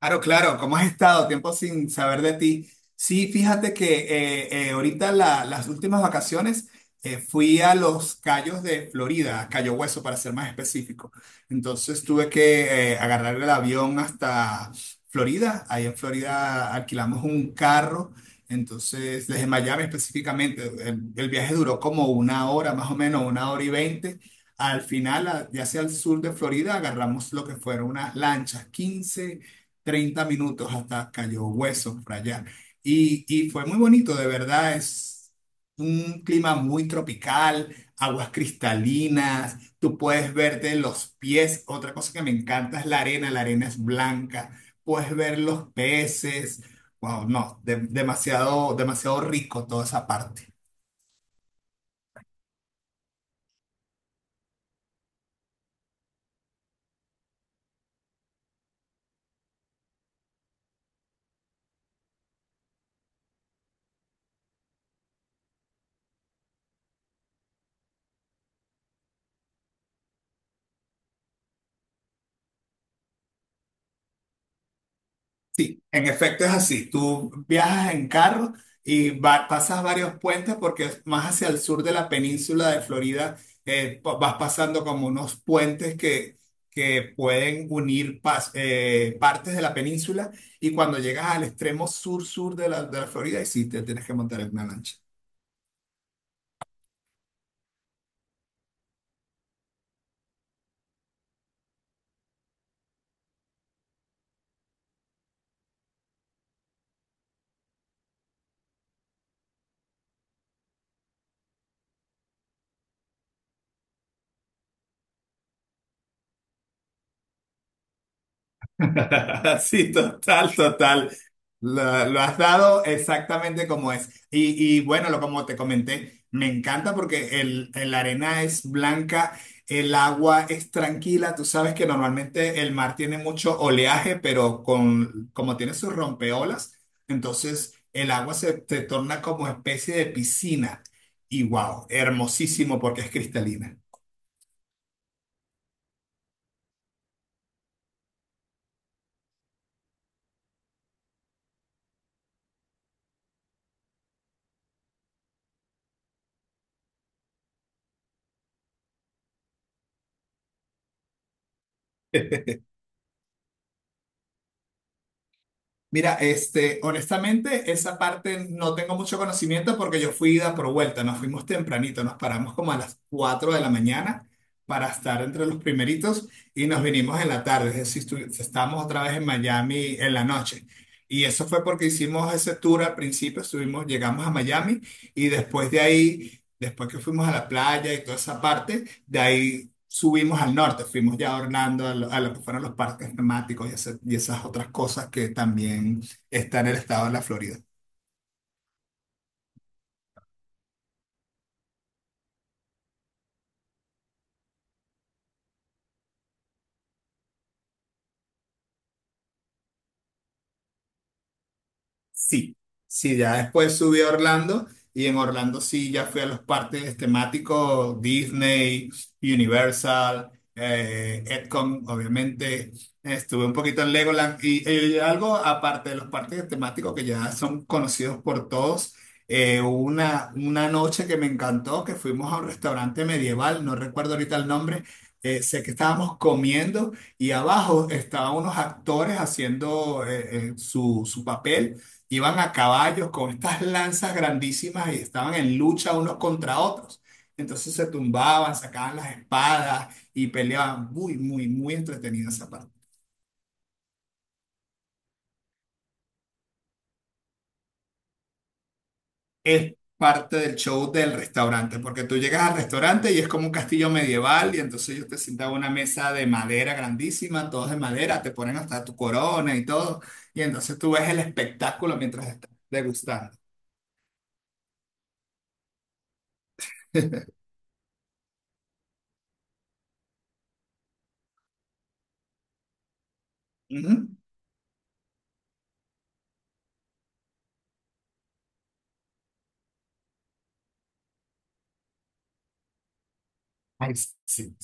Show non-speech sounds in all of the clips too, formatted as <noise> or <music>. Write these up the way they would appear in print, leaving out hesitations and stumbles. Claro, claro, ¿cómo has estado? Tiempo sin saber de ti. Sí, fíjate que ahorita las últimas vacaciones fui a los Cayos de Florida, a Cayo Hueso para ser más específico. Entonces tuve que agarrar el avión hasta Florida. Ahí en Florida alquilamos un carro. Entonces, desde Miami específicamente, el viaje duró como una hora, más o menos, una hora y veinte. Al final, ya hacia el sur de Florida, agarramos lo que fueron unas lanchas, 15. 30 minutos hasta Cayo Hueso, para allá. Y fue muy bonito, de verdad, es un clima muy tropical, aguas cristalinas, tú puedes verte los pies, otra cosa que me encanta es la arena es blanca, puedes ver los peces, wow, no, demasiado, demasiado rico toda esa parte. Sí, en efecto es así. Tú viajas en carro y pasas varios puentes porque es más hacia el sur de la península de Florida vas pasando como unos puentes que pueden unir partes de la península y cuando llegas al extremo sur-sur de de la Florida, y sí, te tienes que montar en una lancha. <laughs> Sí, total, total. Lo has dado exactamente como es. Y bueno, lo, como te comenté, me encanta porque el arena es blanca, el agua es tranquila. Tú sabes que normalmente el mar tiene mucho oleaje, pero con, como tiene sus rompeolas, entonces el agua se torna como especie de piscina. Y wow, hermosísimo porque es cristalina. Mira, este, honestamente, esa parte no tengo mucho conocimiento porque yo fui ida por vuelta, nos fuimos tempranito, nos paramos como a las 4 de la mañana para estar entre los primeritos y nos vinimos en la tarde, es decir, estábamos otra vez en Miami en la noche. Y eso fue porque hicimos ese tour al principio, estuvimos, llegamos a Miami y después de ahí, después que fuimos a la playa y toda esa parte, de ahí subimos al norte, fuimos ya a Orlando, a lo que fueron los parques temáticos y, y esas otras cosas que también están en el estado de la Florida. Sí, sí, ya después subí a Orlando y en Orlando sí ya fui a los parques temáticos Disney, Universal, Epcot, obviamente. Estuve un poquito en Legoland y, algo aparte de los parques temáticos que ya son conocidos por todos. Hubo una noche que me encantó, que fuimos a un restaurante medieval, no recuerdo ahorita el nombre, sé que estábamos comiendo y abajo estaban unos actores haciendo su papel. Iban a caballos con estas lanzas grandísimas y estaban en lucha unos contra otros. Entonces se tumbaban, sacaban las espadas y peleaban. Muy, muy, muy entretenida esa parte. Es parte del show del restaurante, porque tú llegas al restaurante y es como un castillo medieval y entonces ellos te sientan a una mesa de madera grandísima, todos de madera, te ponen hasta tu corona y todo. Y entonces tú ves el espectáculo mientras estás degustando. <laughs> Ujú. Ay, sí.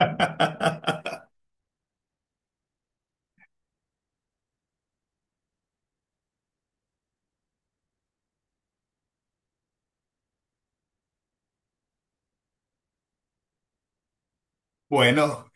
<laughs> Bueno,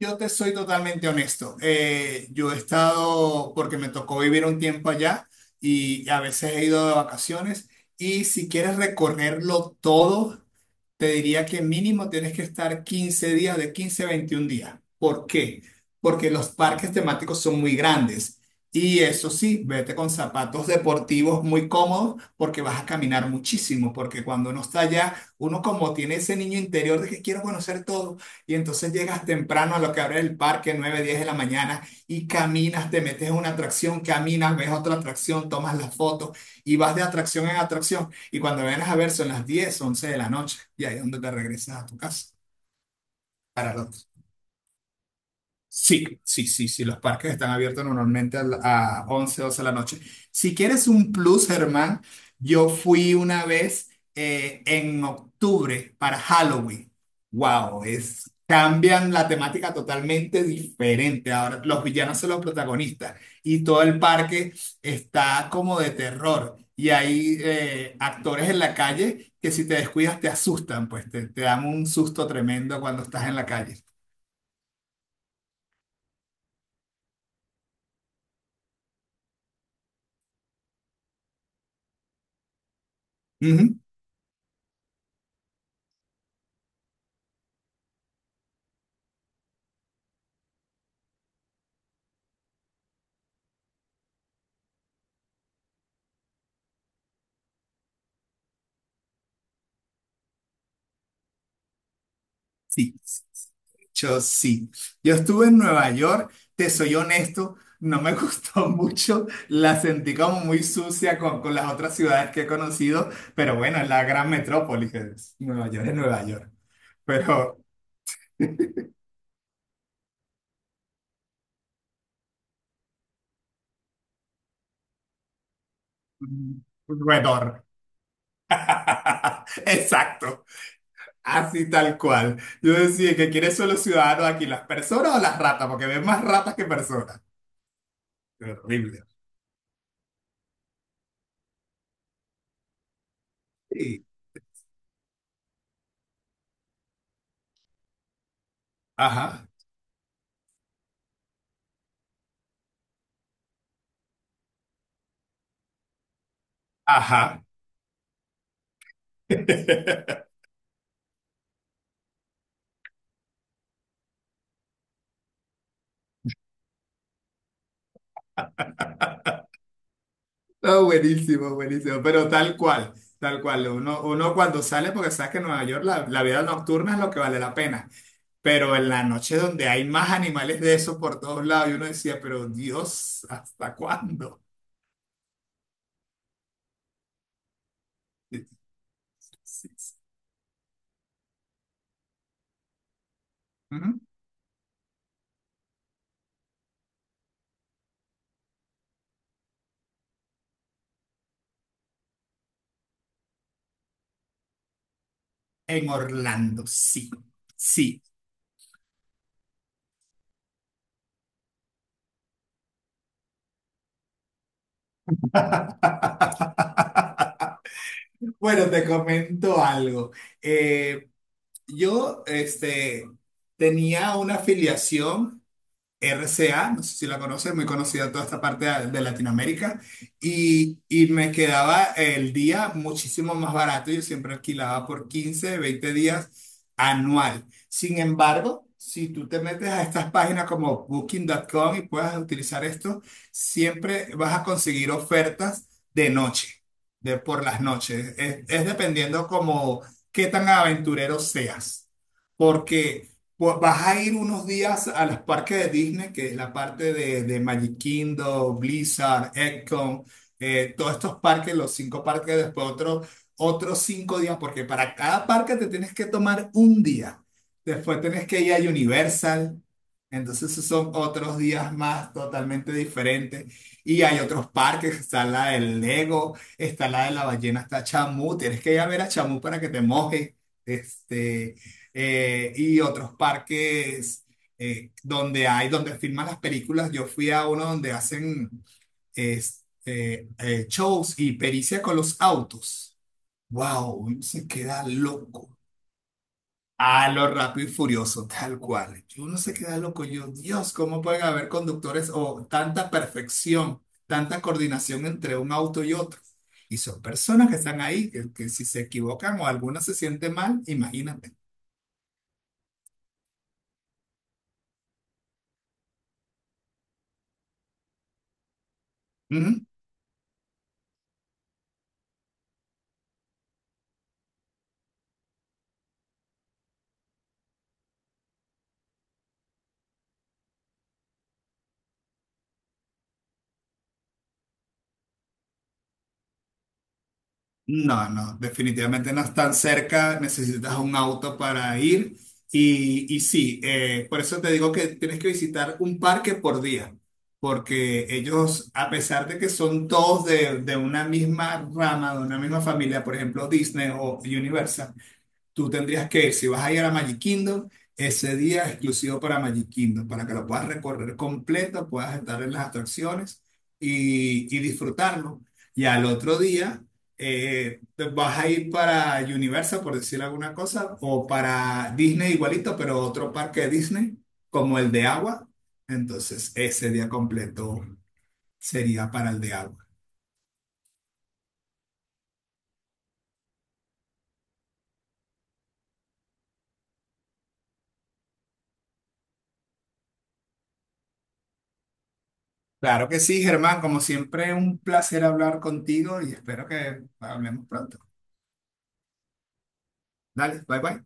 yo te soy totalmente honesto. Yo he estado, porque me tocó vivir un tiempo allá y a veces he ido de vacaciones y si quieres recorrerlo todo. Te diría que mínimo tienes que estar 15 días, de 15 a 21 días. ¿Por qué? Porque los parques temáticos son muy grandes. Y eso sí, vete con zapatos deportivos muy cómodos porque vas a caminar muchísimo, porque cuando uno está allá, uno como tiene ese niño interior de que quiero conocer todo, y entonces llegas temprano a lo que abre el parque, 9, 10 de la mañana, y caminas, te metes en una atracción, caminas, ves otra atracción, tomas las fotos y vas de atracción en atracción. Y cuando vienes a ver son las 10 11 de la noche y ahí es donde te regresas a tu casa para el otro. Sí, sí, sí, sí, los parques están abiertos normalmente a, a 11, 12 de la noche. Si quieres un plus, Germán, yo fui una vez en octubre para Halloween. Wow, es, cambian la temática totalmente diferente. Ahora los villanos son los protagonistas y todo el parque está como de terror. Y hay actores en la calle que si te descuidas te asustan, pues te dan un susto tremendo cuando estás en la calle. Sí, yo sí. Yo estuve en Nueva York, te soy honesto, no me <laughs> gustó mucho, la sentí como muy sucia con las otras ciudades que he conocido, pero bueno, es la gran metrópolis, Nueva York es Nueva York, pero mm, roedor. <laughs> Exacto, así tal cual. Yo decía que quieres solo ciudadanos aquí, las personas o las ratas, porque ven más ratas que personas. Horrible. Sí. Ajá, ajá. <laughs> No, buenísimo, buenísimo, pero tal cual, tal cual. Uno, uno cuando sale, porque sabes que en Nueva York la vida nocturna es lo que vale la pena, pero en la noche donde hay más animales de esos por todos lados, y uno decía, pero Dios, ¿hasta cuándo? Sí, sí. Sí. Ujú. En Orlando, sí, sí. Bueno, te comento algo. Eh, yo, este, tenía una afiliación. RCA, no sé si la conoces, muy conocida toda esta parte de Latinoamérica, y me quedaba el día muchísimo más barato, yo siempre alquilaba por 15, 20 días anual. Sin embargo, si tú te metes a estas páginas como booking.com y puedas utilizar esto, siempre vas a conseguir ofertas de noche, de por las noches. Es dependiendo como qué tan aventurero seas. Porque pues vas a ir unos días a los parques de Disney, que es la parte de Magic Kingdom, Blizzard, Epcot, todos estos parques, los cinco parques, otros cinco días, porque para cada parque te tienes que tomar un día. Después tienes que ir a Universal, entonces esos son otros días más totalmente diferentes. Y hay otros parques, está la del Lego, está la de la ballena, está Chamú, tienes que ir a ver a Chamú para que te mojes. Este, y otros parques donde hay, donde filman las películas. Yo fui a uno donde hacen shows y pericia con los autos. ¡Wow! Uno se queda loco. A lo rápido y furioso, tal cual. Uno se queda loco. Yo, Dios, ¿cómo pueden haber conductores o tanta perfección, tanta coordinación entre un auto y otro? Y son personas que están ahí, que si se equivocan o alguna se siente mal, imagínate. No, no, definitivamente no es tan cerca, necesitas un auto para ir y sí, por eso te digo que tienes que visitar un parque por día, porque ellos, a pesar de que son todos de una misma rama, de una misma familia, por ejemplo Disney o Universal, tú tendrías que ir, si vas a ir a Magic Kingdom, ese día es exclusivo para Magic Kingdom, para que lo puedas recorrer completo, puedas estar en las atracciones y disfrutarlo. Y al otro día te vas a ir para Universal, por decir alguna cosa, o para Disney igualito, pero otro parque de Disney, como el de agua. Entonces, ese día completo sería para el de agua. Claro que sí, Germán, como siempre, un placer hablar contigo y espero que hablemos pronto. Dale, bye bye.